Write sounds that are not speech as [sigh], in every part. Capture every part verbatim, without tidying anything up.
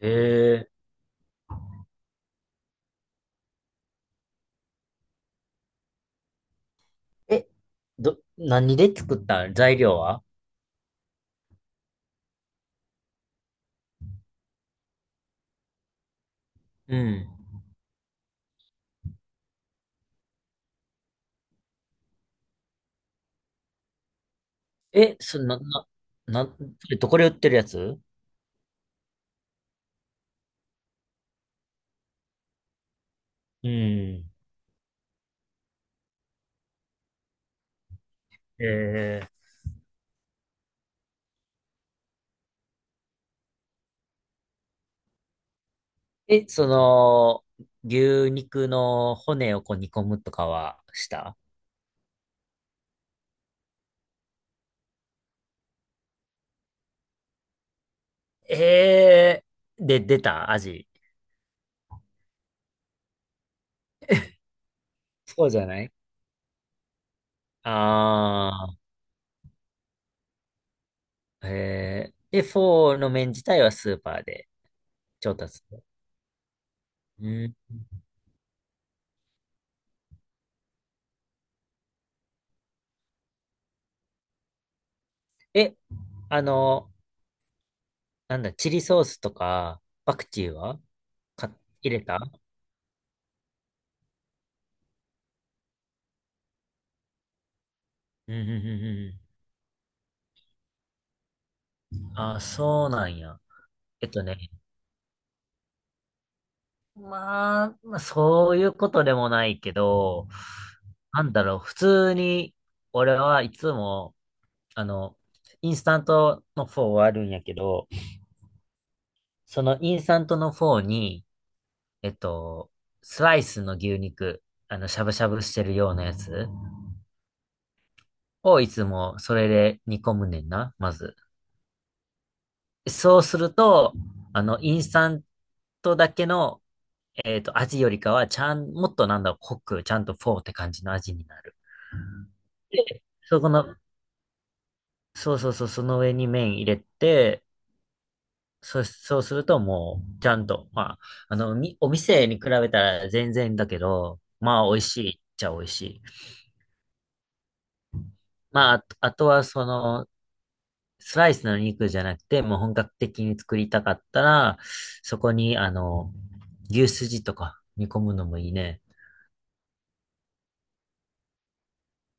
えええ、ど、何で作ったん、材料は？うん。え、そんな、な、な、それどこで売ってるやつ？うん。えええ、その、牛肉の骨をこう煮込むとかはした？ええ。で、出た味？そうじゃない？ああー、ええ。で、フォーの麺自体はスーパーで調達する？うん。え、あの、なんだ、チリソースとか、パクチーは買入れたうんうんうんうん。あ、そうなんや。えっとね、まあ、まあ、そういうことでもないけど、なんだろう、普通に、俺はいつも、あの、インスタントのフォーはあるんやけど、そのインスタントのフォーに、えっと、スライスの牛肉、あの、しゃぶしゃぶしてるようなやつをいつもそれで煮込むねんな、まず。そうすると、あの、インスタントだけのえっと、味よりかは、ちゃん、もっとなんだろう、濃く、ちゃんとフォーって感じの味になる。でそこの、そうそうそう、その上に麺入れて、そ、そうするともう、ちゃんと、まあ、あの、み、お店に比べたら全然だけど、まあ、美味しいっちゃ美味しい。まあ、あと、あとはその、スライスの肉じゃなくて、もう本格的に作りたかったら、そこに、あの、牛すじとか煮込むのもいいね。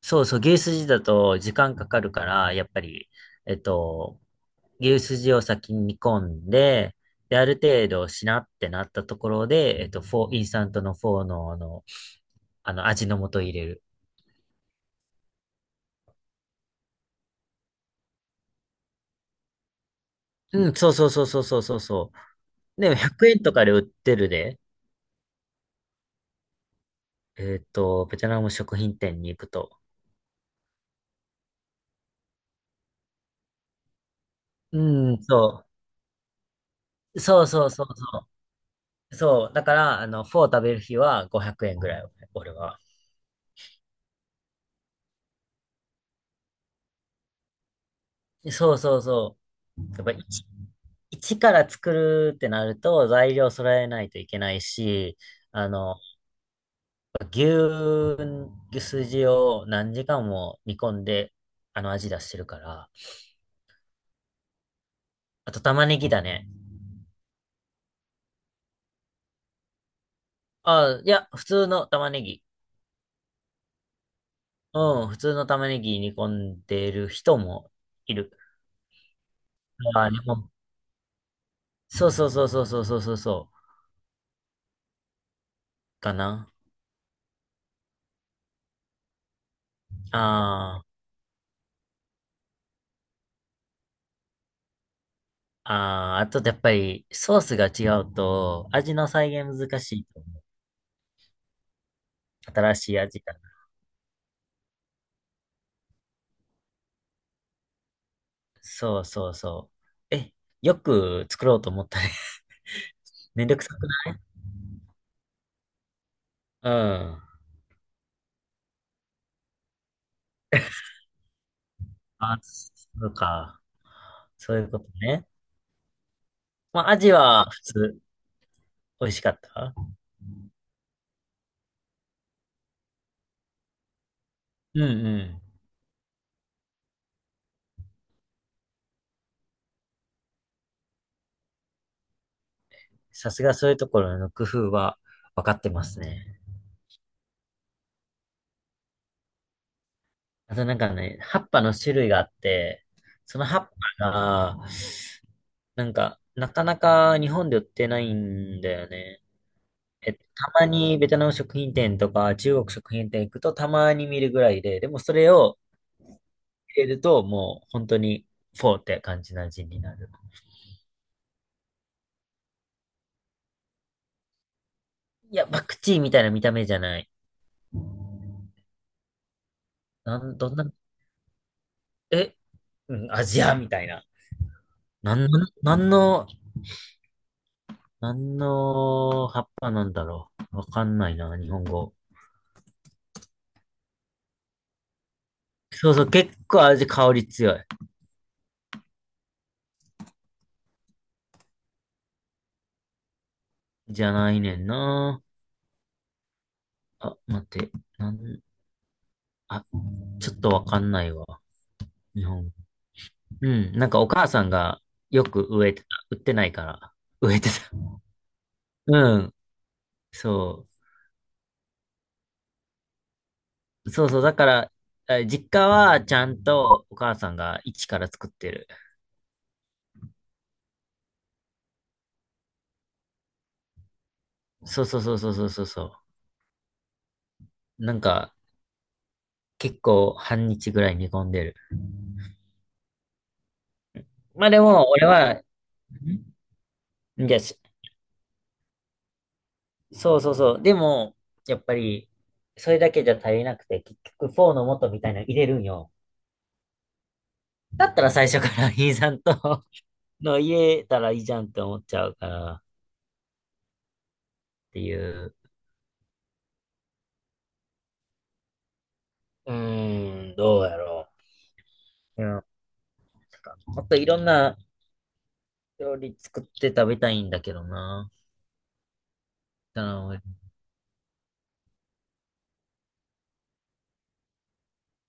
そうそう、牛すじだと時間かかるから、やっぱり、えっと、牛すじを先に煮込んで、で、ある程度しなってなったところで、えっと、フォー、インスタントのフォーの、あの、あの味の素入れる。うん、そうそうそうそうそうそうそう。でもひゃくえんとかで売ってるで、えっと、ベトナム食品店に行くと。うん、そう。そうそうそうそう。そう。だから、あの、フォー食べる日はごひゃくえんぐらい、俺は。そうそうそう。やっぱり一から作るってなると材料揃えないといけないし、あの、牛、牛すじを何時間も煮込んで、あの味出してるから。あと玉ねぎだね。あいや、普通の玉ねぎ。うん、普通の玉ねぎ煮込んでる人もいる。あでも、そうそうそうそうそうそうそうそう、かな。あーあー、ああ、とやっぱりソースが違うと味の再現難しい。新しい味。そうそうそう。え、よく作ろうと思ったね。[laughs] めんどくさくない？うん。あ、そうか。そういうことね。まあ、アジは普通、美味しかった？うんうん。さすがそういうところの工夫は分かってますね。あとなんかね、葉っぱの種類があって、その葉っぱが、なんか、なかなか日本で売ってないんだよね。え、たまにベトナム食品店とか中国食品店行くとたまに見るぐらいで、でもそれを入れると、もう本当にフォーって感じな味になる。いや、パクチーみたいな見た目じゃない。なん、どんな、え、うん、アジアみたいな。なん、なんの、なんの葉っぱなんだろう。わかんないな、日本語。そうそう、結構味、香り強い。じゃないねんな。あ、待って、なん、あ、ちょっとわかんないわ。日本。うん、なんかお母さんがよく植えてた。売ってないから。植えてた。うん、そう。そうそう、だから、え実家はちゃんとお母さんが一から作ってる。そうそうそうそうそうそうそう。なんか、結構半日ぐらい煮込んでる。まあでも、俺は、んいや、しそうそうそう。でも、やっぱり、それだけじゃ足りなくて、結局、フォーの素みたいなの入れるんよ。だったら最初から [laughs] イーさんと [laughs] の入れたらいいじゃんって思っちゃうからっていう。うーん、どうやろう。うん、なんかもっといろんな料理作って食べたいんだけどな。あの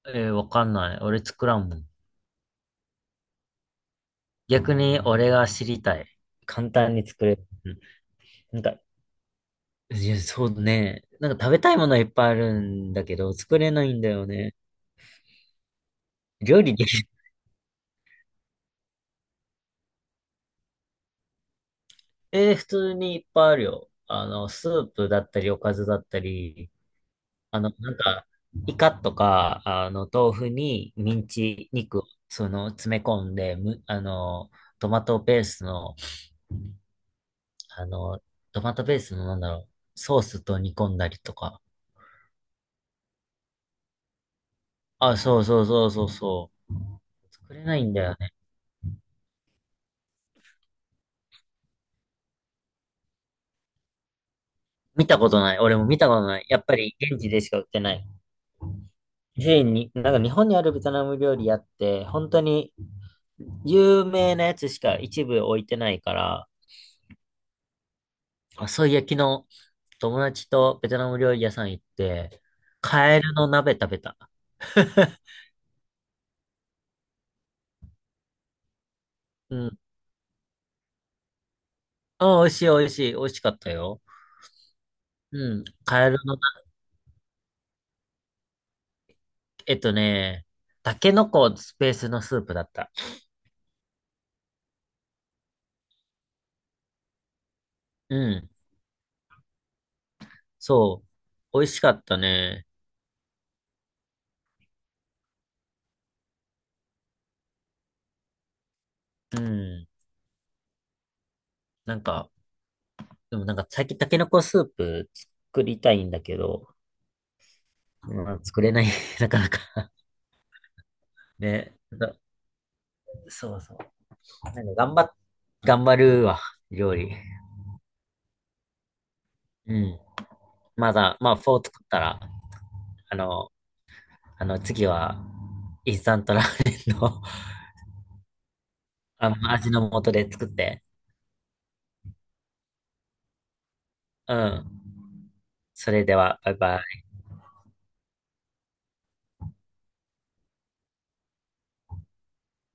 えーわかんない。俺作らんもん。逆に俺が知りたい。簡単に作れる。なん、か、いや、そうね。なんか食べたいものはいっぱいあるんだけど、作れないんだよね。料理できる。[laughs] えー普通にいっぱいあるよ。あの、スープだったり、おかずだったり、あの、なんか、イカとか、あの、豆腐にミンチ肉を、その、詰め込んで、む、あの、トマトペーストのあの、トマトベースのなんだろう、ソースと煮込んだりとか。あ、そうそうそうそうそう。作れないんだよね。見たことない。俺も見たことない。やっぱり現地でしか売ってない。スに、なんか日本にあるベトナム料理屋って、本当に有名なやつしか一部置いてないから、あ、そういや、昨日友達とベトナム料理屋さん行って、カエルの鍋食べた。[laughs] うん。あ、美味しい美味しい。美味しかったよ。うん。カエルの、えっとね、タケノコスペースのスープだった。うん。そう。美味しかったね。うん。なんか、でもなんか最近タケノコスープ作りたいんだけど、まあ、作れない、[laughs] なかなか。ね。なそうそう。なんか頑張っ、頑張るわ、料理。うん。まだ、まあ、フォー作ったら、あの、あの、次は、インスタントラーメンの [laughs] あの味の素で作って。うん。それでは、バイバイ。